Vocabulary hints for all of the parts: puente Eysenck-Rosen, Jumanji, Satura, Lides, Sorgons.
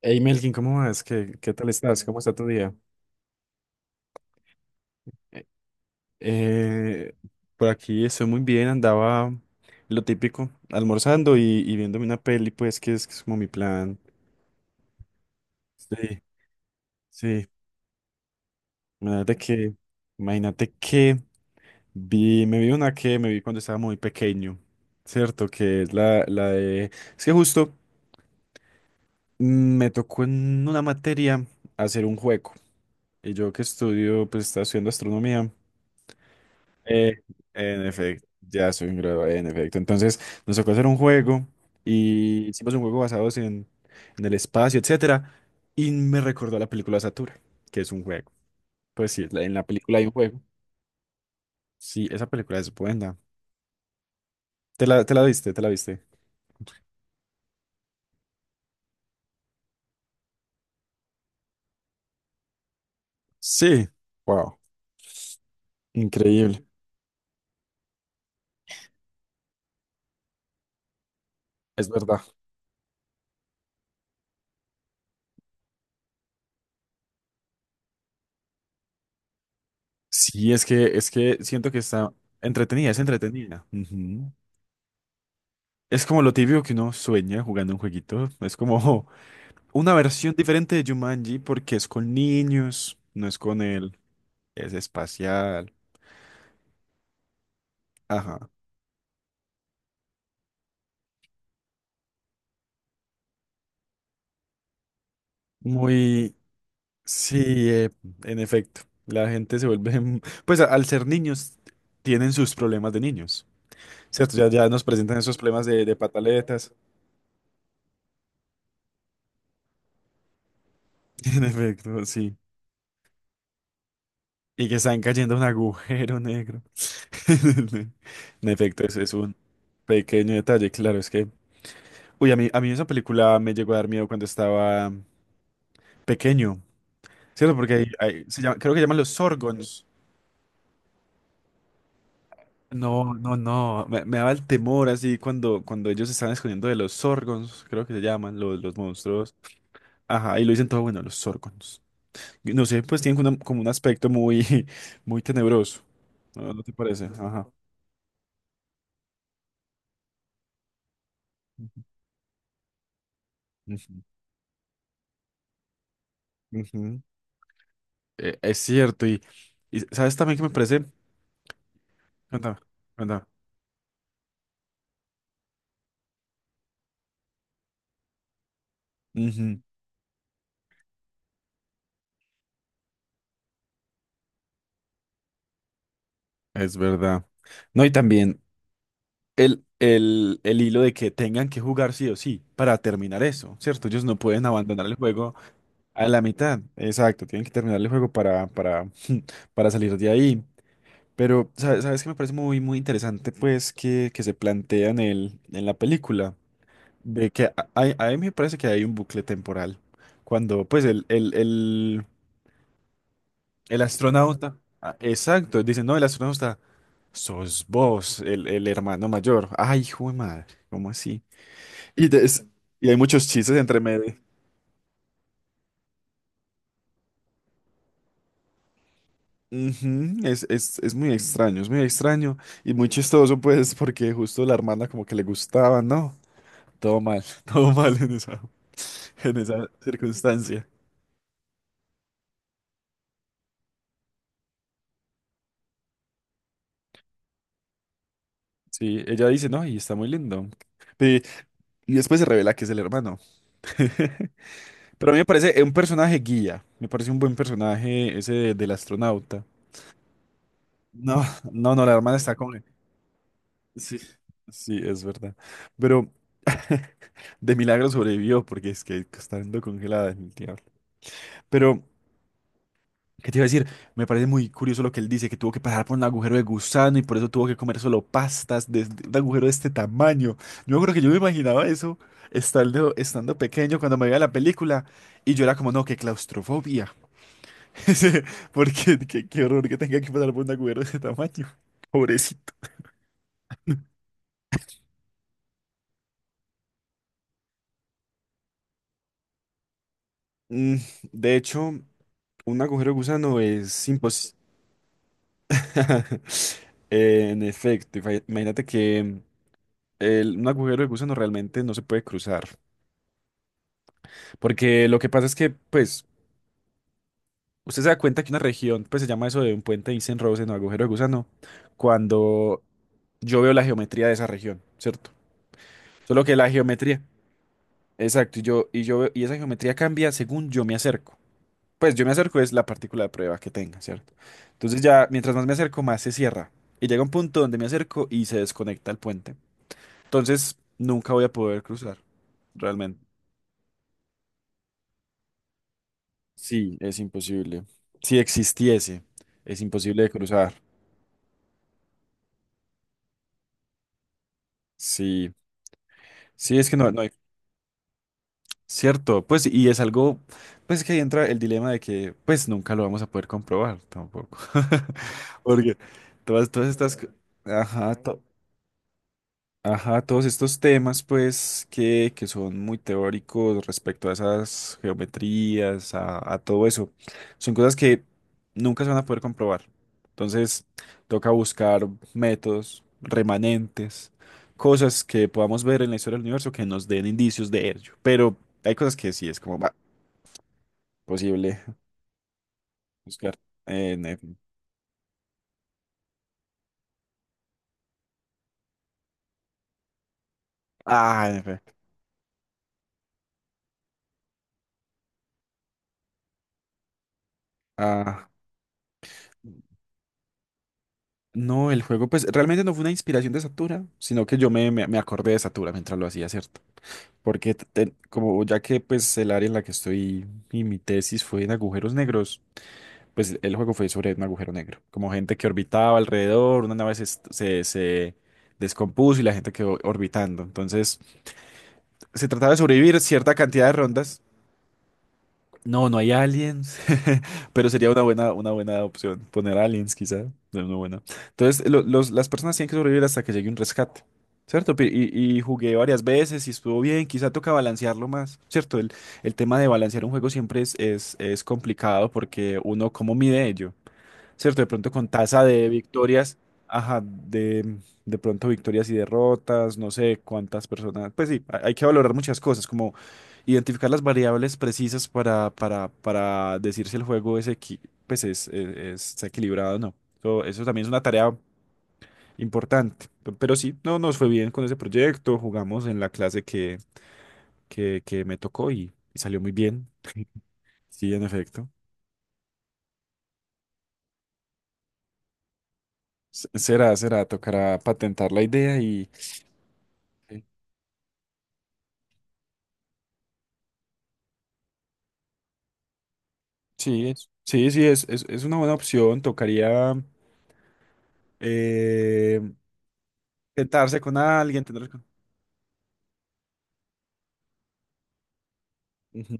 Hey Melkin, ¿cómo vas? ¿Qué tal estás? ¿Cómo está tu día? Eh, eh, por aquí estoy muy bien. Andaba lo típico, almorzando y viéndome una peli, pues que es como mi plan. Sí, sí, imagínate que, imagínate que vi, me vi una que me vi cuando estaba muy pequeño, ¿cierto? Que es la de, es que justo me tocó en una materia hacer un juego, y yo que estudio, pues estaba estudiando astronomía. Eh, en efecto, ya soy un graduado, en efecto. Entonces nos tocó hacer un juego, y hicimos un juego basado en el espacio, etcétera. Y me recordó la película Satura, que es un juego. Pues sí, en la película hay un juego. Sí, esa película es buena. ¿Te la viste? ¿Te la viste? Sí. Wow, increíble. Es verdad. Sí, es que siento que está entretenida, es entretenida. Ujú. Es como lo típico que uno sueña jugando un jueguito. Es como una versión diferente de Jumanji, porque es con niños, no es con él, es espacial. Ajá. Muy, sí, en efecto. La gente se vuelve, pues al ser niños, tienen sus problemas de niños, ¿cierto? Ya, ya nos presentan esos problemas de pataletas. En efecto, sí. Y que están cayendo a un agujero negro. En efecto, ese es un pequeño detalle, claro, es que... Uy, a mí esa película me llegó a dar miedo cuando estaba pequeño. ¿Cierto? Porque creo que llaman los Sorgons. No, no, no. Me daba el temor así cuando ellos se estaban escondiendo de los Sorgons, creo que se llaman, los monstruos. Ajá, y lo dicen todo, bueno, los Sorgons. Y no sé, pues tienen como un aspecto muy, muy tenebroso. ¿No, no te parece? Ajá. Ujú, ujú. Es cierto, y ¿sabes también que me parece? Cuéntame, cuéntame. Ujú. Es verdad. No, y también el hilo de que tengan que jugar sí o sí para terminar eso, ¿cierto? Ellos no pueden abandonar el juego a la mitad, exacto, tienen que terminar el juego para salir de ahí. Pero, ¿sabes qué me parece muy, muy interesante? Pues que se plantea en la película, de que a- hay- a mí me parece que hay un bucle temporal, cuando pues el astronauta, ah, exacto, dicen, no, el astronauta... Sos vos, el hermano mayor. Ay, hijo de madre, ¿cómo así? Y, de- es- y hay muchos chistes entre medio. Ujú. Es muy extraño, es muy extraño y muy chistoso, pues, porque justo la hermana como que le gustaba, ¿no? Todo mal, todo mal en esa circunstancia. Sí, ella dice, no, y está muy lindo. Pe- Y después se revela que es el hermano. Pero a mí me parece un personaje guía, me parece un buen personaje ese del astronauta. No, no, no, la hermana está con sí, sí, es verdad. Pero de milagro sobrevivió, porque es que está estando congelada es pero, ¿qué te iba a decir? Me parece muy curioso lo que él dice, que tuvo que pasar por un agujero de gusano y por eso tuvo que comer solo pastas de un agujero de este tamaño. Yo creo que yo me imaginaba eso estando pequeño cuando me veía la película, y yo era como, no, qué claustrofobia. Sí. Porque qué horror que tenga que pasar por un agujero de ese tamaño. Pobrecito. Mm, de hecho. Un agujero de gusano es imposible. En efecto, imagínate que un agujero de gusano realmente no se puede cruzar. Porque lo que pasa es que, pues, usted se da cuenta que una región, pues se llama eso de un puente Eysenck-Rosen o agujero de gusano, cuando yo veo la geometría de esa región, ¿cierto? Solo que la geometría, exacto, y yo y esa geometría cambia según yo me acerco. Pues yo me acerco, es la partícula de prueba que tenga, ¿cierto? Entonces ya, mientras más me acerco, más se cierra. Y llega un punto donde me acerco y se desconecta el puente. Entonces, nunca voy a poder cruzar, realmente. Sí, es imposible. Si existiese, es imposible de cruzar. Sí, sí, es que no, no hay, ¿cierto? Pues, y es algo, pues que ahí entra el dilema de que, pues, nunca lo vamos a poder comprobar tampoco. Porque todas, todas estas... ajá, ajá, todos estos temas, pues, que son muy teóricos respecto a esas geometrías, a todo eso, son cosas que nunca se van a poder comprobar. Entonces, toca buscar métodos, remanentes, cosas que podamos ver en la historia del universo que nos den indicios de ello. Pero hay cosas que sí es como bah, posible buscar. En efecto. Ah, en efecto. Ah, no, el juego, pues, realmente no fue una inspiración de Satura, sino que yo me acordé de Satura mientras lo hacía, ¿cierto? Porque como ya que pues el área en la que estoy y mi tesis fue en agujeros negros, pues el juego fue sobre un agujero negro, como gente que orbitaba alrededor, una nave se descompuso y la gente quedó orbitando. Entonces se trataba de sobrevivir cierta cantidad de rondas, no, no hay aliens, pero sería una buena opción. Poner aliens, quizá. No, no, bueno. Entonces, las personas tienen que sobrevivir hasta que llegue un rescate, ¿cierto? Y jugué varias veces y estuvo bien. Quizá toca balancearlo más, ¿cierto? El tema de balancear un juego siempre es complicado, porque uno, ¿cómo mide ello? ¿Cierto? De pronto con tasa de victorias, ajá, de pronto victorias y derrotas, no sé cuántas personas, pues sí, hay que valorar muchas cosas, como identificar las variables precisas para decir si el juego es, pues está equilibrado o no. Eso también es una tarea importante. Pero sí, no nos fue bien con ese proyecto, jugamos en la clase que me tocó, y salió muy bien, sí, en efecto. Será, será, tocará patentar la idea y... Sí, es, sí, sí, es una buena opción. Tocaría eh, sentarse con alguien, tener... con- ujú,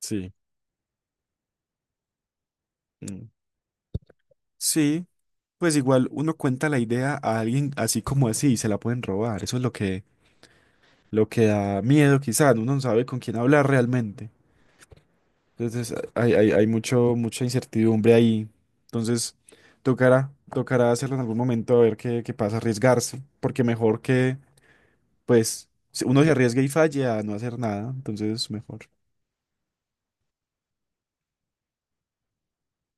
sí. Mm. Sí, pues igual uno cuenta la idea a alguien así como así y se la pueden robar. Eso es lo que da miedo, quizás. Uno no sabe con quién hablar realmente. Entonces hay, hay mucho, mucha incertidumbre ahí. Entonces tocará, tocará hacerlo en algún momento a ver qué, qué pasa, arriesgarse. Porque mejor que pues si uno se arriesga y falla a no hacer nada, entonces mejor.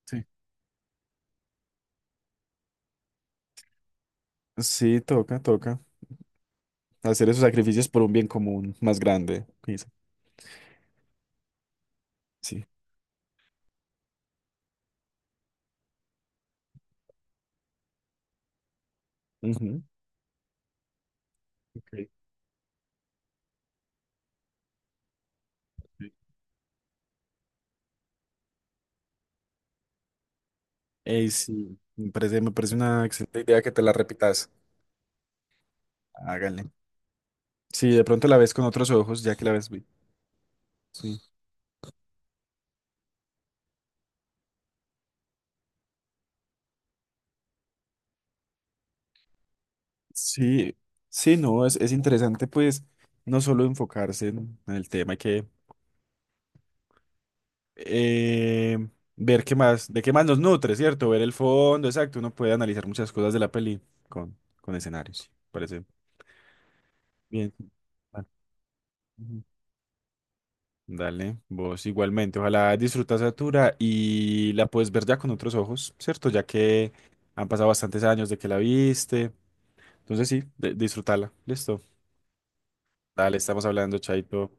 Sí. Sí, toca, toca. Hacer esos sacrificios por un bien común más grande. Dice. Sí. Ujú. Ok, ok. Ey, sí, me parece una excelente idea que te la repitas. Hágale. Sí, de pronto la ves con otros ojos, ya que la ves. Vi- Sí. Sí, sí, no, es interesante, pues, no solo enfocarse en el tema, hay que eh, ver qué más, de qué más nos nutre, ¿cierto? Ver el fondo, exacto. Uno puede analizar muchas cosas de la peli con escenarios. Sí, parece bien. Ah, ujú. Dale, vos igualmente. Ojalá disfrutas Satura y la puedes ver ya con otros ojos, ¿cierto? Ya que han pasado bastantes años de que la viste. Entonces sí, disfrutala. Listo. Dale, estamos hablando, Chaito.